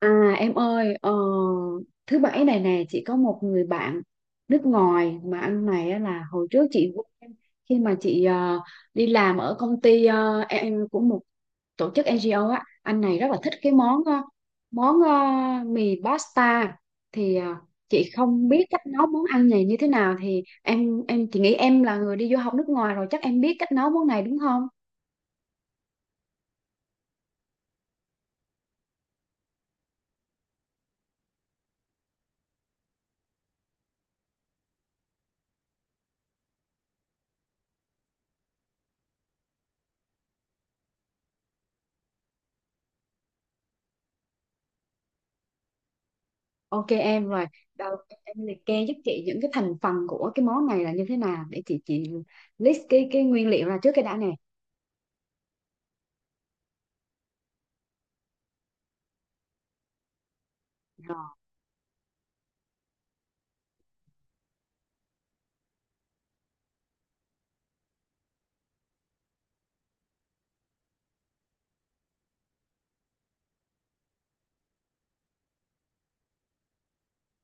À em ơi, thứ bảy này nè chị có một người bạn nước ngoài mà anh này á là hồi trước chị quen khi mà chị đi làm ở công ty em của một tổ chức NGO á, anh này rất là thích cái món món ờ, mì pasta thì ờ, chị không biết cách nấu món ăn này như thế nào thì em, chị nghĩ em là người đi du học nước ngoài rồi chắc em biết cách nấu món này đúng không? Ok em rồi, đầu tiên em liệt kê giúp chị những cái thành phần của cái món này là như thế nào để chị list cái nguyên liệu ra trước cái đã nè. Rồi,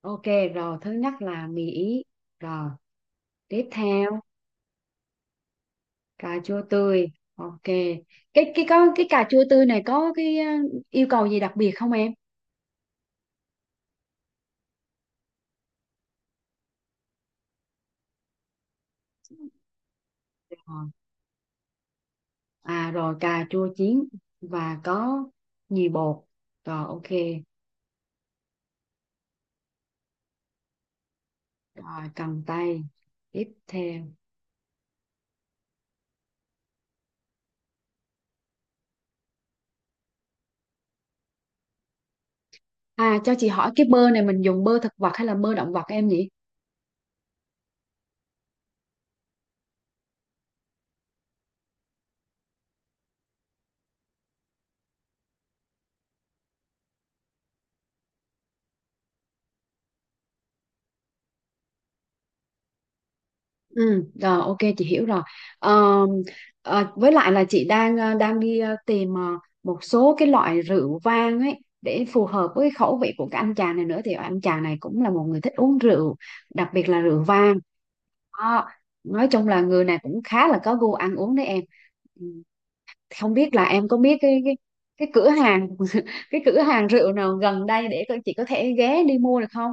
ok rồi, thứ nhất là mì ý. Rồi, tiếp theo cà chua tươi. Ok. Cái có cái cà chua tươi này có cái yêu cầu gì đặc biệt không em? Rồi. À rồi cà chua chín và có nhì bột. Rồi ok. Rồi cầm tay. Tiếp theo. À cho chị hỏi cái bơ này mình dùng bơ thực vật hay là bơ động vật em nhỉ? Ừ, rồi ok chị hiểu rồi. Ờ, với lại là chị đang đang đi tìm một số cái loại rượu vang ấy để phù hợp với cái khẩu vị của cái anh chàng này nữa thì anh chàng này cũng là một người thích uống rượu, đặc biệt là rượu vang. Đó. Nói chung là người này cũng khá là có gu ăn uống đấy em. Ừ, không biết là em có biết cái cái cửa hàng cái cửa hàng rượu nào gần đây để coi chị có thể ghé đi mua được không?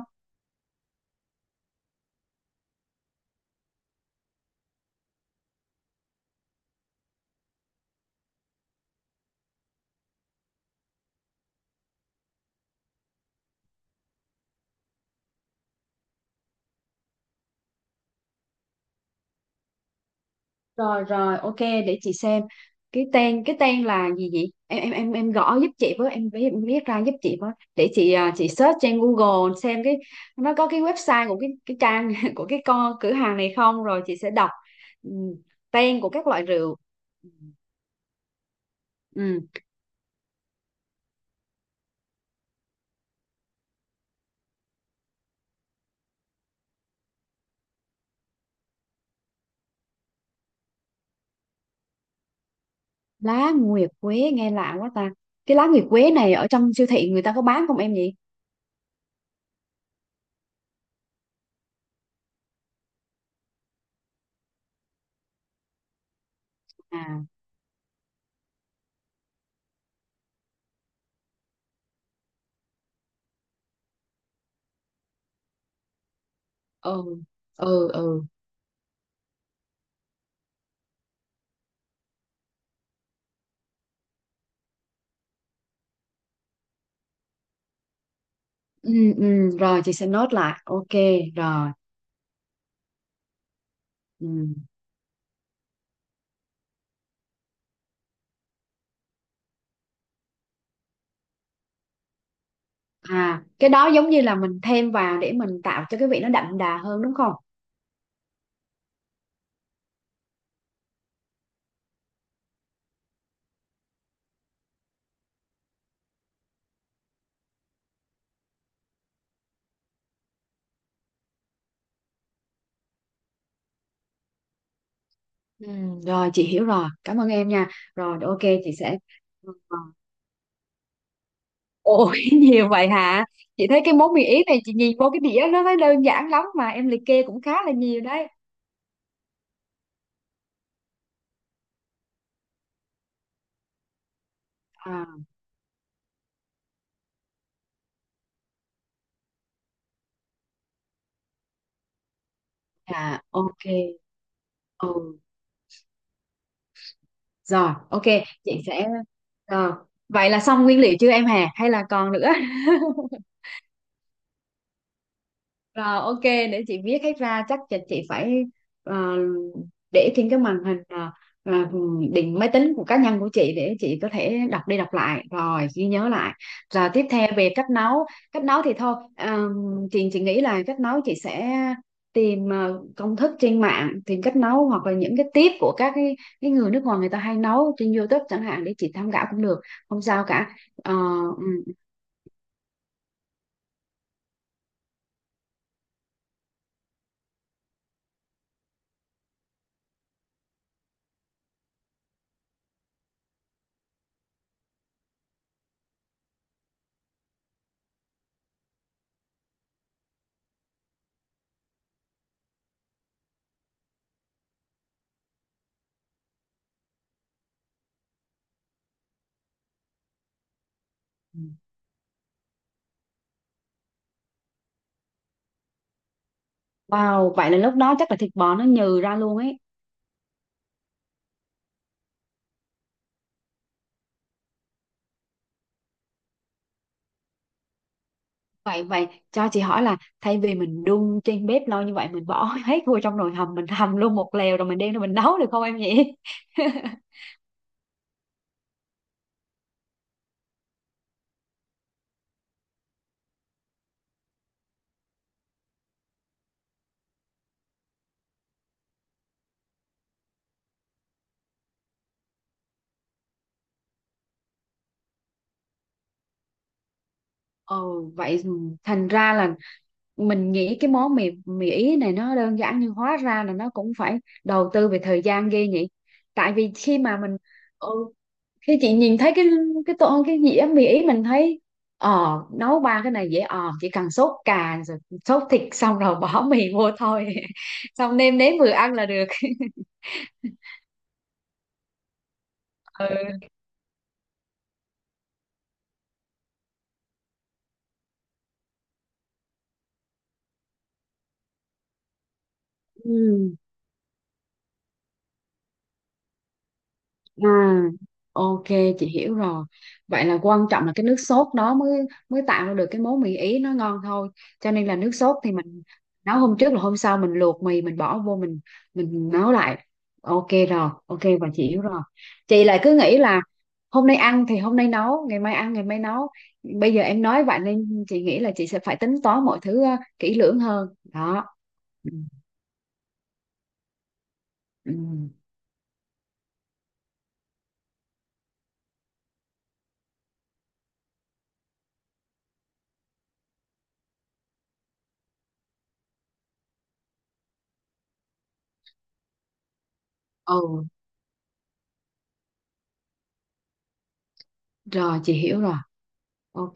Rồi rồi, ok để chị xem. Cái tên là gì vậy? Em gõ giúp chị với, em viết ra giúp chị với. Để chị à, chị search trên Google xem cái nó có cái website của cái trang của cái con cửa hàng này không rồi chị sẽ đọc ừ, tên của các loại rượu. Ừ, lá nguyệt quế nghe lạ quá ta. Cái lá nguyệt quế này ở trong siêu thị người ta có bán không em nhỉ? À, ừ, ừ, ừ. Ừ, ừ, rồi chị sẽ nốt lại. Ok, rồi. Ừ. À, cái đó giống như là mình thêm vào để mình tạo cho cái vị nó đậm đà hơn đúng không? Ừ, rồi chị hiểu rồi, cảm ơn em nha. Rồi ok chị sẽ. Ờ. Ôi nhiều vậy hả? Chị thấy cái món mì ý này chị nhìn vô cái đĩa nó thấy đơn giản lắm mà em liệt kê cũng khá là nhiều đấy. À, à ok. Ừ, rồi ok chị sẽ rồi. Vậy là xong nguyên liệu chưa em Hà hay là còn nữa? Rồi ok để chị viết hết ra chắc là chị phải ờ, để trên cái màn hình ờ, định máy tính của cá nhân của chị để chị có thể đọc đi đọc lại rồi ghi nhớ lại, rồi tiếp theo về cách nấu. Cách nấu thì thôi chị nghĩ là cách nấu chị sẽ tìm công thức trên mạng, tìm cách nấu hoặc là những cái tip của cái người nước ngoài người ta hay nấu trên YouTube chẳng hạn để chị tham khảo cũng được, không sao cả. Ờ, ừ, ừ. Wow, vậy là lúc đó chắc là thịt bò nó nhừ ra luôn ấy. Vậy vậy cho chị hỏi là thay vì mình đun trên bếp lâu như vậy mình bỏ hết vô trong nồi hầm mình hầm luôn một lèo rồi mình đem ra mình nấu được không em nhỉ? Ồ vậy, thành ra là mình nghĩ cái món mì mì ý này nó đơn giản nhưng hóa ra là nó cũng phải đầu tư về thời gian ghê nhỉ. Tại vì khi mà mình, ừ, khi chị nhìn thấy cái tô cái dĩa mì ý mình thấy, ờ nấu ba cái này dễ, chỉ cần sốt cà rồi sốt thịt xong rồi bỏ mì vô thôi xong nêm nếm vừa ăn là được. Ừ. Ừ. À, ok chị hiểu rồi. Vậy là quan trọng là cái nước sốt đó mới mới tạo ra được cái món mì Ý nó ngon thôi. Cho nên là nước sốt thì mình nấu hôm trước là hôm sau mình luộc mì mình bỏ vô mình nấu lại. Ok rồi, ok và chị hiểu rồi. Chị lại cứ nghĩ là hôm nay ăn thì hôm nay nấu, ngày mai ăn ngày mai nấu. Bây giờ em nói vậy nên chị nghĩ là chị sẽ phải tính toán mọi thứ kỹ lưỡng hơn. Đó. Ừ. Ừ, ừ, rồi chị hiểu rồi. Ok.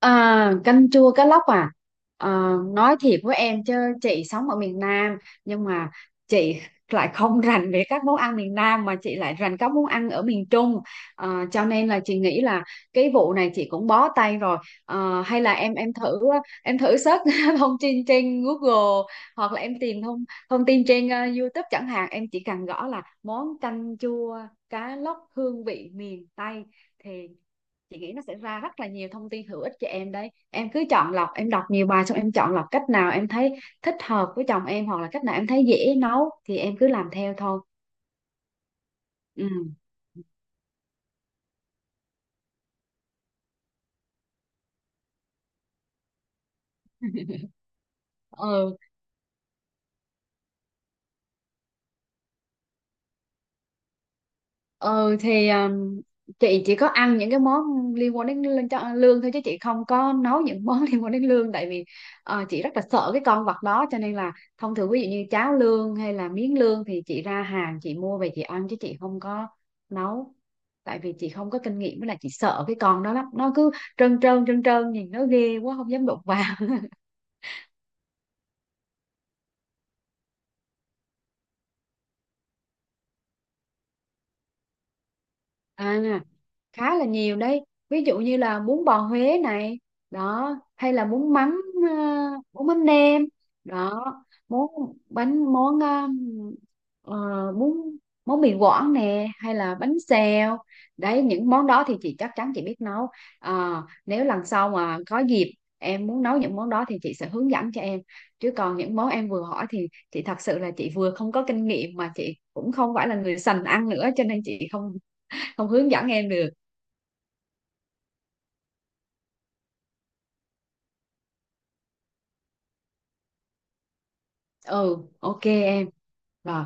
À, canh chua cá lóc à? Ờ, nói thiệt với em chứ chị sống ở miền Nam nhưng mà chị lại không rành về các món ăn miền Nam mà chị lại rành các món ăn ở miền Trung. Ờ, cho nên là chị nghĩ là cái vụ này chị cũng bó tay rồi. Ờ, hay là em thử, em thử search thông tin trên Google hoặc là em tìm thông thông tin trên YouTube chẳng hạn, em chỉ cần gõ là món canh chua cá lóc hương vị miền Tây thì chị nghĩ nó sẽ ra rất là nhiều thông tin hữu ích cho em đấy, em cứ chọn lọc, em đọc nhiều bài xong em chọn lọc cách nào em thấy thích hợp với chồng em hoặc là cách nào em thấy dễ nấu thì em cứ làm theo thôi. Ừ. Ừ. ừ thì chị chỉ có ăn những cái món liên quan đến lương, lương thôi chứ chị không có nấu những món liên quan đến lương. Tại vì chị rất là sợ cái con vật đó cho nên là thông thường ví dụ như cháo lương hay là miếng lương thì chị ra hàng chị mua về chị ăn chứ chị không có nấu, tại vì chị không có kinh nghiệm với lại chị sợ cái con đó lắm, nó cứ trơn trơn trơn trơn nhìn nó ghê quá không dám đụng vào. À, khá là nhiều đấy, ví dụ như là bún bò Huế này, đó, hay là bún mắm, ờ, bún mắm nêm, đó, món bánh, món ờ, ờ, bún món mì Quảng nè hay là bánh xèo, đấy những món đó thì chị chắc chắn chị biết nấu. Ờ, nếu lần sau mà có dịp em muốn nấu những món đó thì chị sẽ hướng dẫn cho em, chứ còn những món em vừa hỏi thì chị thật sự là chị vừa không có kinh nghiệm mà chị cũng không phải là người sành ăn nữa cho nên chị không không hướng dẫn em được. Ừ ok em, rồi.